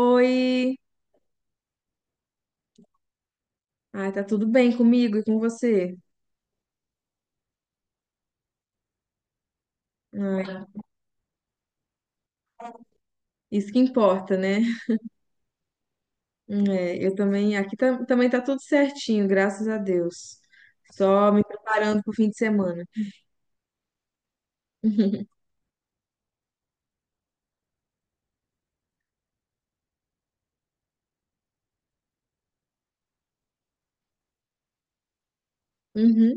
Oi! Ai, tá tudo bem comigo e com você? Ai, isso que importa, né? É, eu também, também tá tudo certinho, graças a Deus. Só me preparando pro fim de semana. Uhum.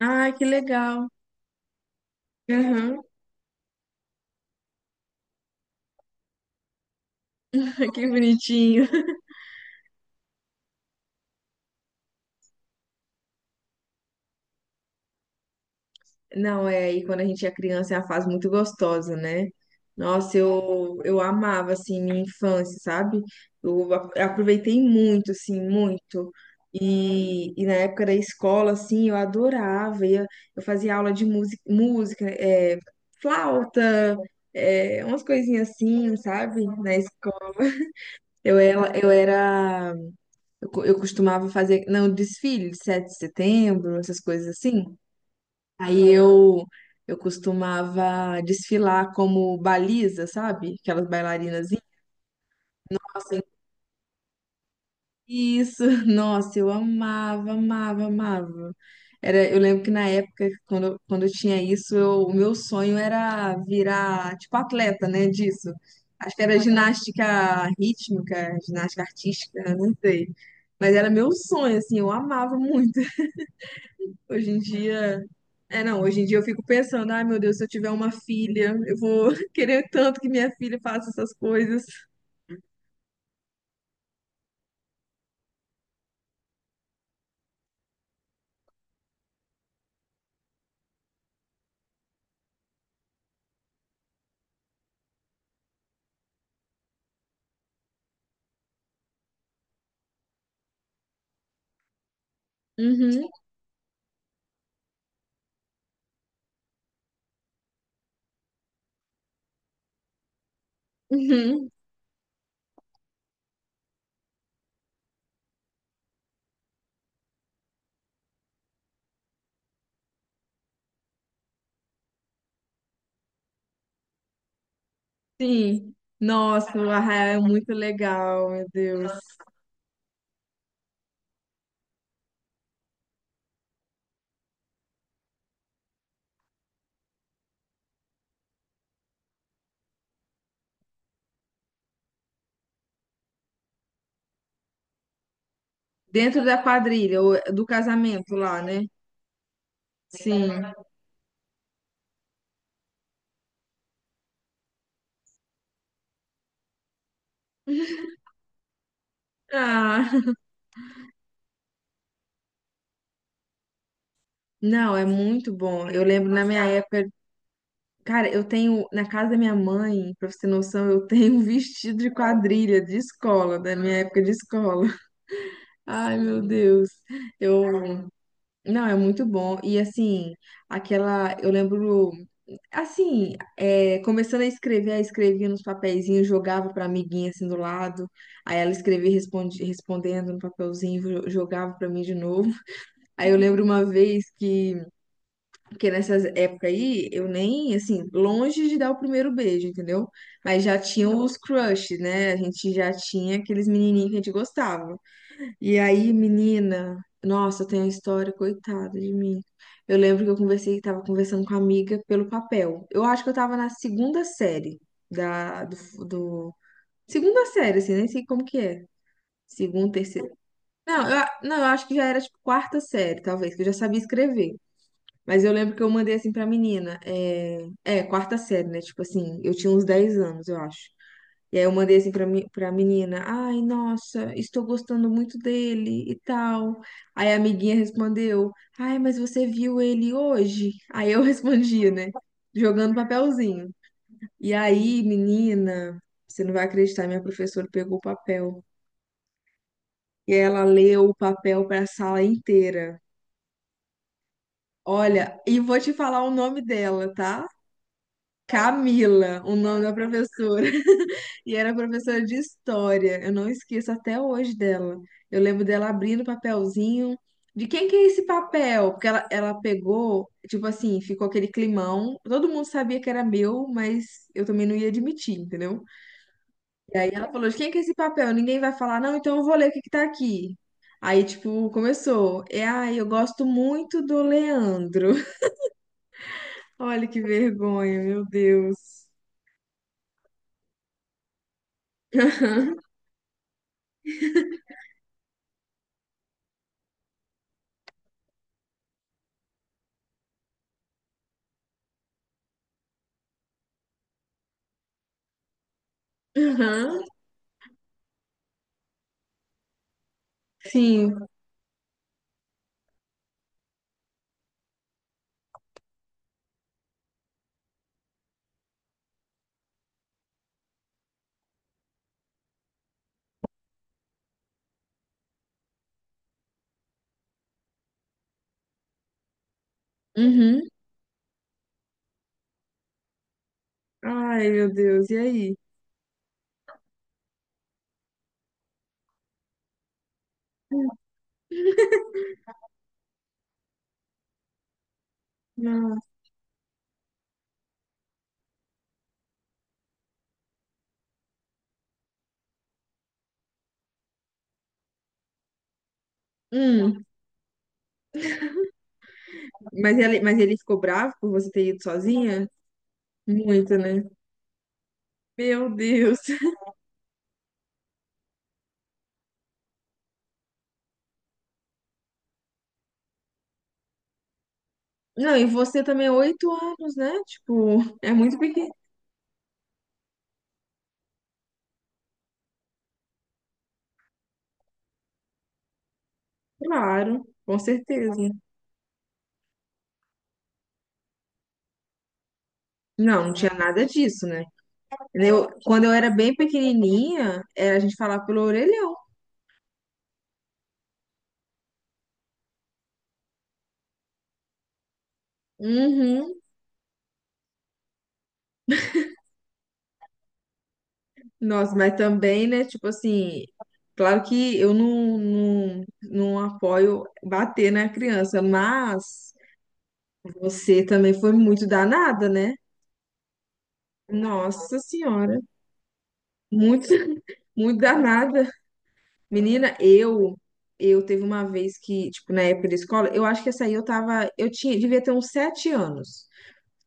Ai, que legal! Uhum. Que bonitinho! Não, é aí quando a gente é criança é uma fase muito gostosa, né? Nossa, eu amava, assim, minha infância, sabe? Aproveitei muito, assim, muito. E na época da escola, assim, eu adorava. Eu fazia aula de música, é, flauta, é, umas coisinhas assim, sabe? Na escola. Eu era, eu era, eu co- Eu costumava fazer, não, desfile de 7 de setembro, essas coisas assim. Aí eu costumava desfilar como baliza, sabe? Aquelas bailarinas. Nossa, isso, nossa, eu amava, amava, amava. Era, eu lembro que na época quando eu tinha isso, o meu sonho era virar, tipo, atleta, né, disso. Acho que era ginástica rítmica, ginástica artística, não sei. Mas era meu sonho, assim, eu amava muito. Hoje em dia. É, não, hoje em dia eu fico pensando, ai meu Deus, se eu tiver uma filha, eu vou querer tanto que minha filha faça essas coisas. Uhum, uhum, sim. Nossa, o Arraial é muito legal, meu Deus. Dentro da quadrilha, ou do casamento lá, né? Sim. Ah, não, é muito bom. Eu lembro na minha época, cara, eu tenho, na casa da minha mãe, pra você ter noção, eu tenho um vestido de quadrilha de escola, da minha época de escola. Ai, meu Deus. Eu, não, é muito bom. E assim, aquela, eu lembro, assim, é, começando a escrever, aí escrevia nos papeizinhos, jogava pra amiguinha assim do lado. Aí ela escrevia responde, respondendo no papelzinho, jogava pra mim de novo. Aí eu lembro uma vez Que nessas épocas aí, eu nem, assim, longe de dar o primeiro beijo, entendeu? Mas já tinha os crushes, né? A gente já tinha aqueles menininhos que a gente gostava. E aí, menina, nossa, tem a história, coitada de mim. Eu lembro que tava conversando com a amiga pelo papel. Eu acho que eu tava na segunda série da, do, do- Segunda série, assim, nem sei como que é. Segunda, terceira. Não, eu acho que já era tipo quarta série, talvez, que eu já sabia escrever. Mas eu lembro que eu mandei assim pra menina. É, é quarta série, né? Tipo assim, eu tinha uns 10 anos, eu acho. E aí eu mandei assim pra menina, ai, nossa, estou gostando muito dele e tal. Aí a amiguinha respondeu, ai, mas você viu ele hoje? Aí eu respondia, né? Jogando papelzinho. E aí, menina, você não vai acreditar, minha professora pegou o papel. E ela leu o papel pra sala inteira. Olha, e vou te falar o nome dela, tá? Camila, o nome da professora. E era professora de história. Eu não esqueço até hoje dela. Eu lembro dela abrindo o papelzinho. De quem que é esse papel? Porque ela pegou, tipo assim, ficou aquele climão. Todo mundo sabia que era meu, mas eu também não ia admitir, entendeu? E aí ela falou: de quem que é esse papel? Ninguém vai falar, não, então eu vou ler o que que tá aqui. Aí, tipo, começou. É, ai, eu gosto muito do Leandro. Olha que vergonha, meu Deus. Aham, aham, sim. Uhum. Ai, meu Deus, e aí? Não. Hum, mas ele ficou bravo por você ter ido sozinha? Muito, né? Meu Deus. Não, e você também, é 8 anos, né? Tipo, é muito pequeno. Claro, com certeza. Não, não tinha nada disso, né? Eu, quando eu era bem pequenininha, era a gente falar pelo orelhão. Uhum. Nossa, mas também, né? Tipo assim, claro que eu não, não, não apoio bater na criança, mas você também foi muito danada, né? Nossa Senhora, muito, muito danada. Menina, eu teve uma vez que, tipo, na época da escola, eu acho que essa aí eu tava, eu tinha, devia ter uns 7 anos,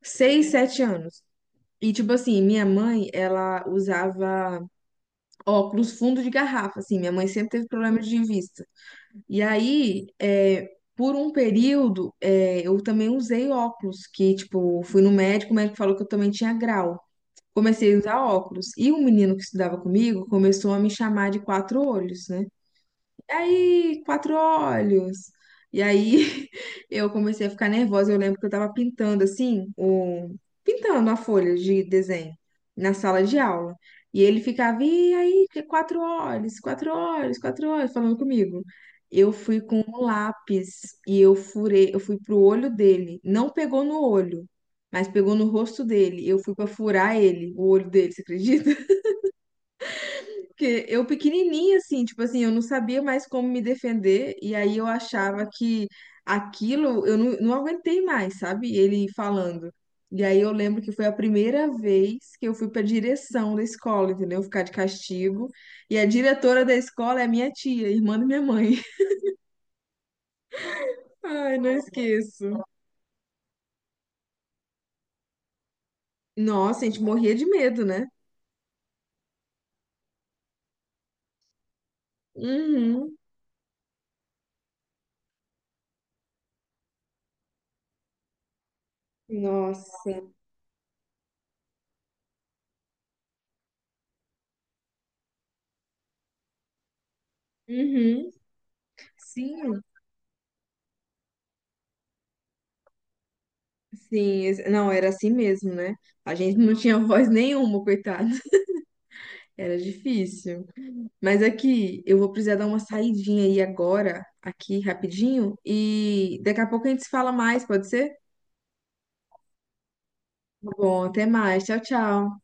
seis, 7 anos. E, tipo assim, minha mãe, ela usava óculos fundo de garrafa, assim, minha mãe sempre teve problema de vista. E aí, é, por um período, é, eu também usei óculos, que, tipo, fui no médico, o médico falou que eu também tinha grau. Comecei a usar óculos. E um menino que estudava comigo começou a me chamar de quatro olhos, né? E aí, quatro olhos. E aí eu comecei a ficar nervosa. Eu lembro que eu tava pintando assim, o... pintando a folha de desenho na sala de aula. E ele ficava, e aí, que quatro olhos, quatro olhos, quatro olhos, falando comigo. Eu fui com um lápis e eu furei, eu fui pro olho dele. Não pegou no olho, mas pegou no rosto dele. Eu fui pra furar ele, o olho dele, você acredita? Porque eu pequenininha, assim, tipo assim, eu não sabia mais como me defender, e aí eu achava que aquilo, eu não, não aguentei mais, sabe? Ele falando. E aí eu lembro que foi a primeira vez que eu fui pra direção da escola, entendeu? Ficar de castigo. E a diretora da escola é minha tia, irmã da minha mãe. Ai, não esqueço. Nossa, a gente morria de medo, né? Uhum. Nossa. Uhum. Sim. Não, era assim mesmo, né? A gente não tinha voz nenhuma, coitado. Era difícil. Mas aqui, eu vou precisar dar uma saidinha aí agora, aqui rapidinho, e daqui a pouco a gente se fala mais, pode ser? Tá bom, até mais. Tchau, tchau.